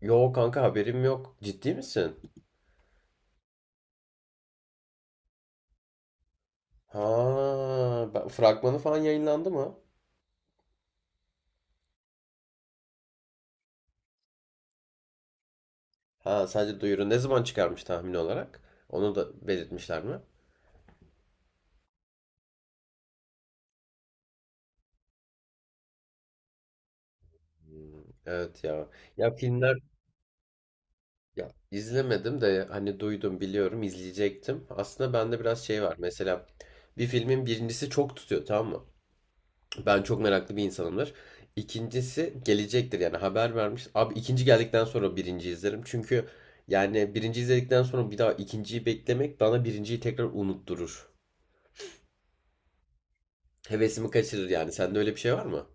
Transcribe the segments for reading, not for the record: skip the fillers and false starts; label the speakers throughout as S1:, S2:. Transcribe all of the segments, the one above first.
S1: Yo kanka haberim yok. Ciddi misin? Ha, fragmanı falan yayınlandı mı? Ha, sadece duyuru. Ne zaman çıkarmış tahmin olarak? Onu da belirtmişler mi? Hmm, evet ya. Ya filmler ya izlemedim de hani duydum biliyorum izleyecektim. Aslında bende biraz şey var. Mesela bir filmin birincisi çok tutuyor, tamam mı? Ben çok meraklı bir insanımdır. İkincisi gelecektir yani haber vermiş. Abi ikinci geldikten sonra birinci izlerim. Çünkü yani birinci izledikten sonra bir daha ikinciyi beklemek bana birinciyi tekrar unutturur. Hevesimi kaçırır yani. Sende öyle bir şey var mı?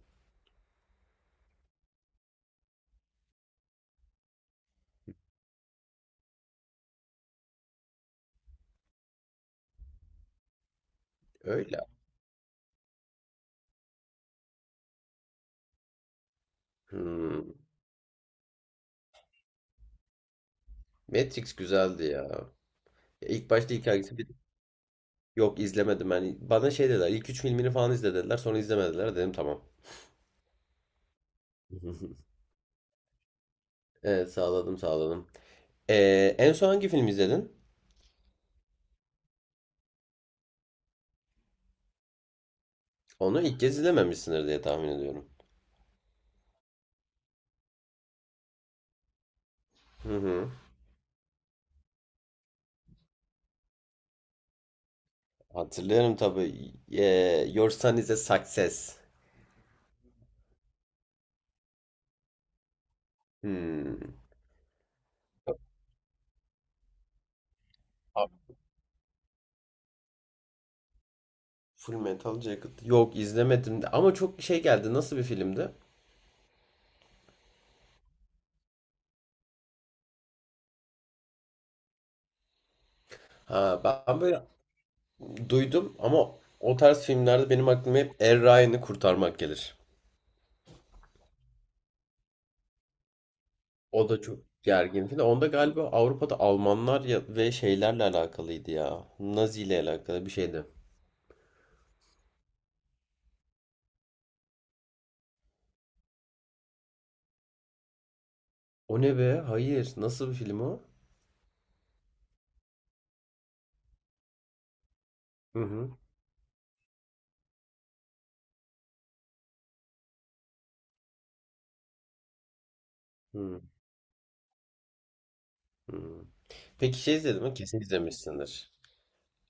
S1: Öyle. Hmm. Matrix güzeldi ya. Ya İlk başta ilk hangisi bir. Yok, izlemedim yani. Bana şey dediler, ilk üç filmini falan izle dediler, sonra izlemediler dedim tamam. Evet, sağladım sağladım. En son hangi film izledin? Onu ilk kez izlememişsindir diye tahmin ediyorum. Hı hı. Hatırlıyorum tabii. Your Son is a Success. Hmm. Abi, Full Metal Jacket. Yok, izlemedim de. Ama çok şey geldi. Nasıl bir filmdi? Ha, ben böyle duydum ama o tarz filmlerde benim aklıma hep Er Ryan'ı Kurtarmak gelir. O da çok gergin film. Onda galiba Avrupa'da Almanlar ya, ve şeylerle alakalıydı ya. Nazi ile alakalı bir şeydi. O ne be? Hayır. Nasıl bir film o? Hı hı. Hı hı. Peki şey izledin mi? Kesin izlemişsindir.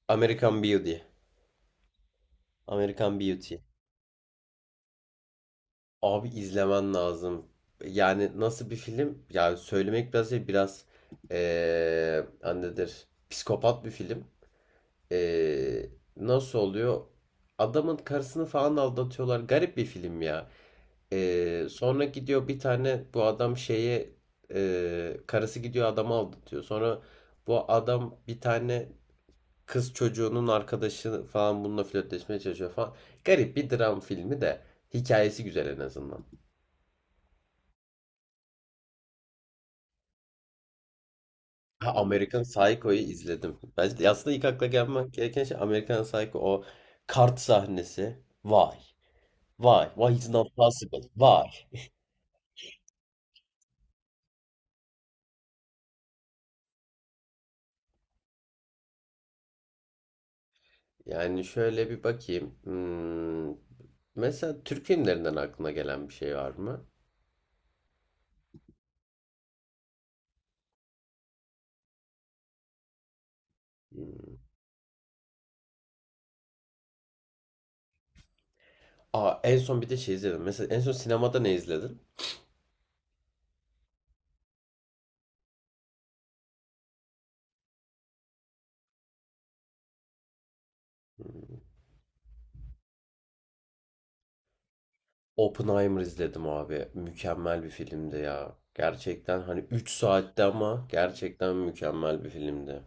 S1: American Beauty. American Beauty. Abi izlemen lazım. Yani nasıl bir film? Yani söylemek biraz şey biraz annedir. Psikopat bir film. Eee, nasıl oluyor? Adamın karısını falan aldatıyorlar. Garip bir film ya. Sonra gidiyor bir tane bu adam şeye karısı gidiyor adamı aldatıyor. Sonra bu adam bir tane kız çocuğunun arkadaşı falan bununla flörtleşmeye çalışıyor falan. Garip bir dram filmi de hikayesi güzel en azından. Ha, American Psycho'yu izledim. Bence aslında ilk akla gelmek gereken şey American Psycho, o kart sahnesi. Vay. Vay. Why is not possible? Vay. Yani şöyle bir bakayım. Mesela Türk filmlerinden aklına gelen bir şey var mı? Hmm. Aa, en son bir de şey izledim. Mesela en son sinemada ne izledin? Oppenheimer izledim abi. Mükemmel bir filmdi ya. Gerçekten hani 3 saatte ama gerçekten mükemmel bir filmdi.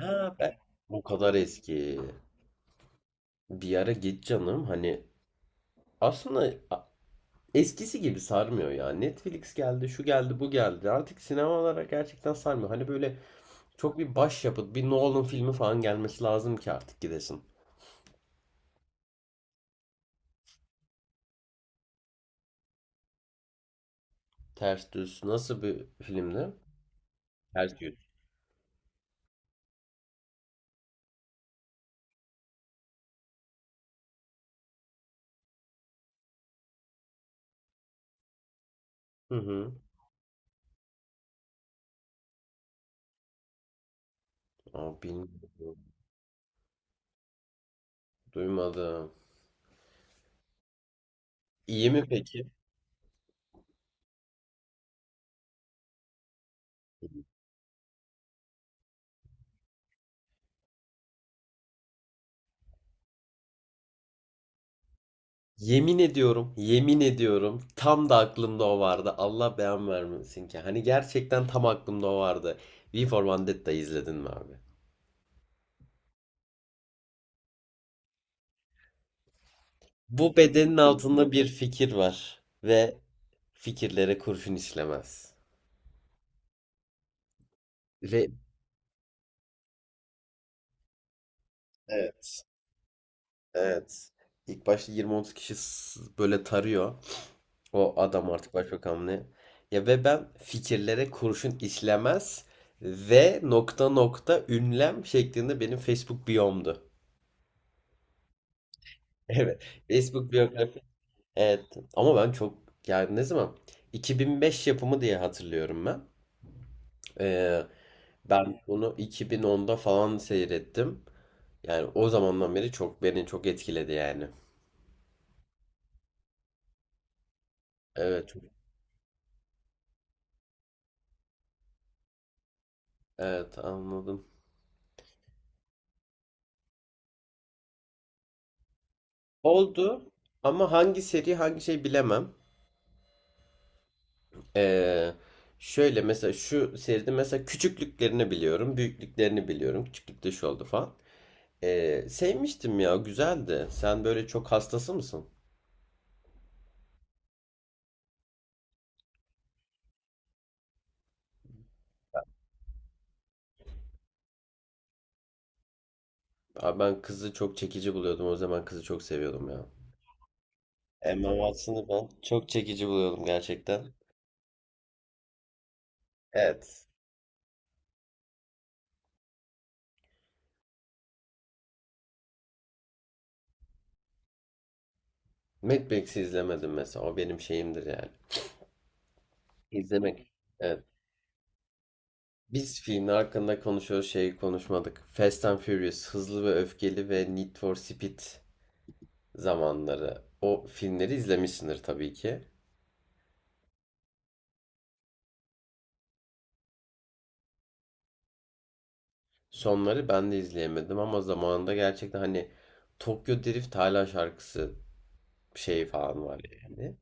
S1: Ha, o kadar eski. Bir ara git canım, hani aslında eskisi gibi sarmıyor ya. Netflix geldi, şu geldi, bu geldi. Artık sinemalara gerçekten sarmıyor. Hani böyle çok bir başyapıt, bir Nolan filmi falan gelmesi lazım ki artık gidesin. Ters Düz nasıl bir filmdi? Ters Yüz. Hı hı. Aa, bilmiyorum. Duymadım. İyi mi peki? Yemin ediyorum, yemin ediyorum, tam da aklımda o vardı. Allah beyan vermesin ki. Hani gerçekten tam aklımda o vardı. V for Vendetta izledin mi abi? Bu bedenin altında bir fikir var ve fikirlere kurşun işlemez. Ve Evet. Evet, İlk başta 20-30 kişi böyle tarıyor. O adam artık başbakan ne? Ya, ve ben fikirlere kurşun işlemez ve nokta nokta ünlem şeklinde benim Facebook biyomdu. Evet. Facebook biyografi. Evet. Ama ben çok, yani ne zaman, 2005 yapımı diye hatırlıyorum ben. Ee, ben bunu 2010'da falan seyrettim. Yani o zamandan beri çok beni çok etkiledi yani. Evet. Evet, anladım. Oldu ama hangi seri hangi şey bilemem. Ee, şöyle mesela şu seride mesela küçüklüklerini biliyorum, büyüklüklerini biliyorum. Küçüklükte şu oldu falan. Sevmiştim ya, güzeldi. Sen böyle çok hastası mısın? Abi ben kızı çok çekici buluyordum. O zaman kızı çok seviyordum ya. Emma Watson'ı ben çok çekici buluyordum gerçekten. Evet. Mad Max'i izlemedim mesela. O benim şeyimdir yani. İzlemek. Evet. Biz filmin hakkında konuşuyoruz, şeyi konuşmadık. Fast and Furious, Hızlı ve Öfkeli ve Need for Speed zamanları. O filmleri izlemişsindir tabii ki. Sonları ben de izleyemedim ama zamanında gerçekten hani Tokyo Drift hala şarkısı şeyi falan var yani.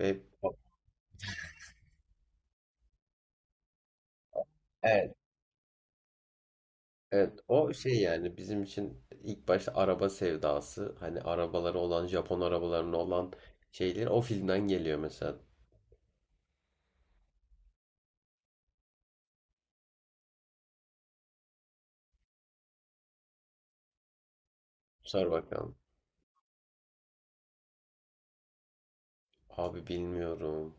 S1: Ve evet, evet, o şey yani, bizim için ilk başta araba sevdası, hani arabaları olan, Japon arabalarının olan şeyler o filmden geliyor mesela. Sor bakalım. Abi bilmiyorum.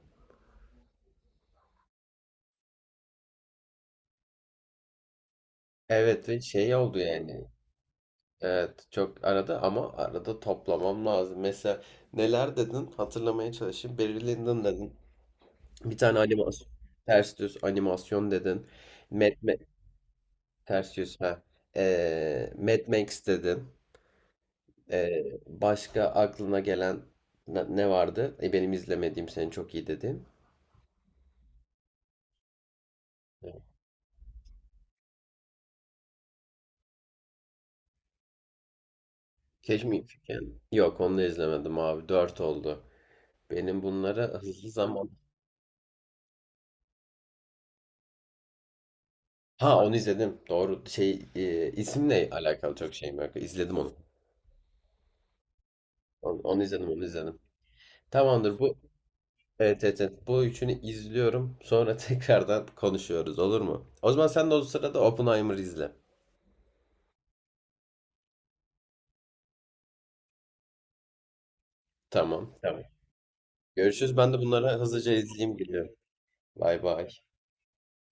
S1: Evet, ve şey oldu yani. Evet, çok arada ama arada toplamam lazım. Mesela neler dedin, hatırlamaya çalışayım. Barry Lyndon dedin. Bir tane animasyon. Ters düz animasyon dedin. Mad, Ma- ters düz, ha. Mad Max dedin. Başka aklına gelen ne vardı? Benim izlemediğim, senin çok iyi dedin. Keşke mi Figen? Yok, onu da izlemedim abi. Dört oldu. Benim bunlara hızlı zaman. Ha, onu izledim. Doğru. İsimle alakalı çok şeyim yok. İzledim onu. Onu, onu izledim, onu izledim. Tamamdır bu. Evet, evet, evet. Bu üçünü izliyorum. Sonra tekrardan konuşuyoruz, olur mu? O zaman sen de o sırada Oppenheimer izle. Tamam. Tamam. Görüşürüz. Ben de bunlara hızlıca izleyeyim, gidiyorum. Bay bay.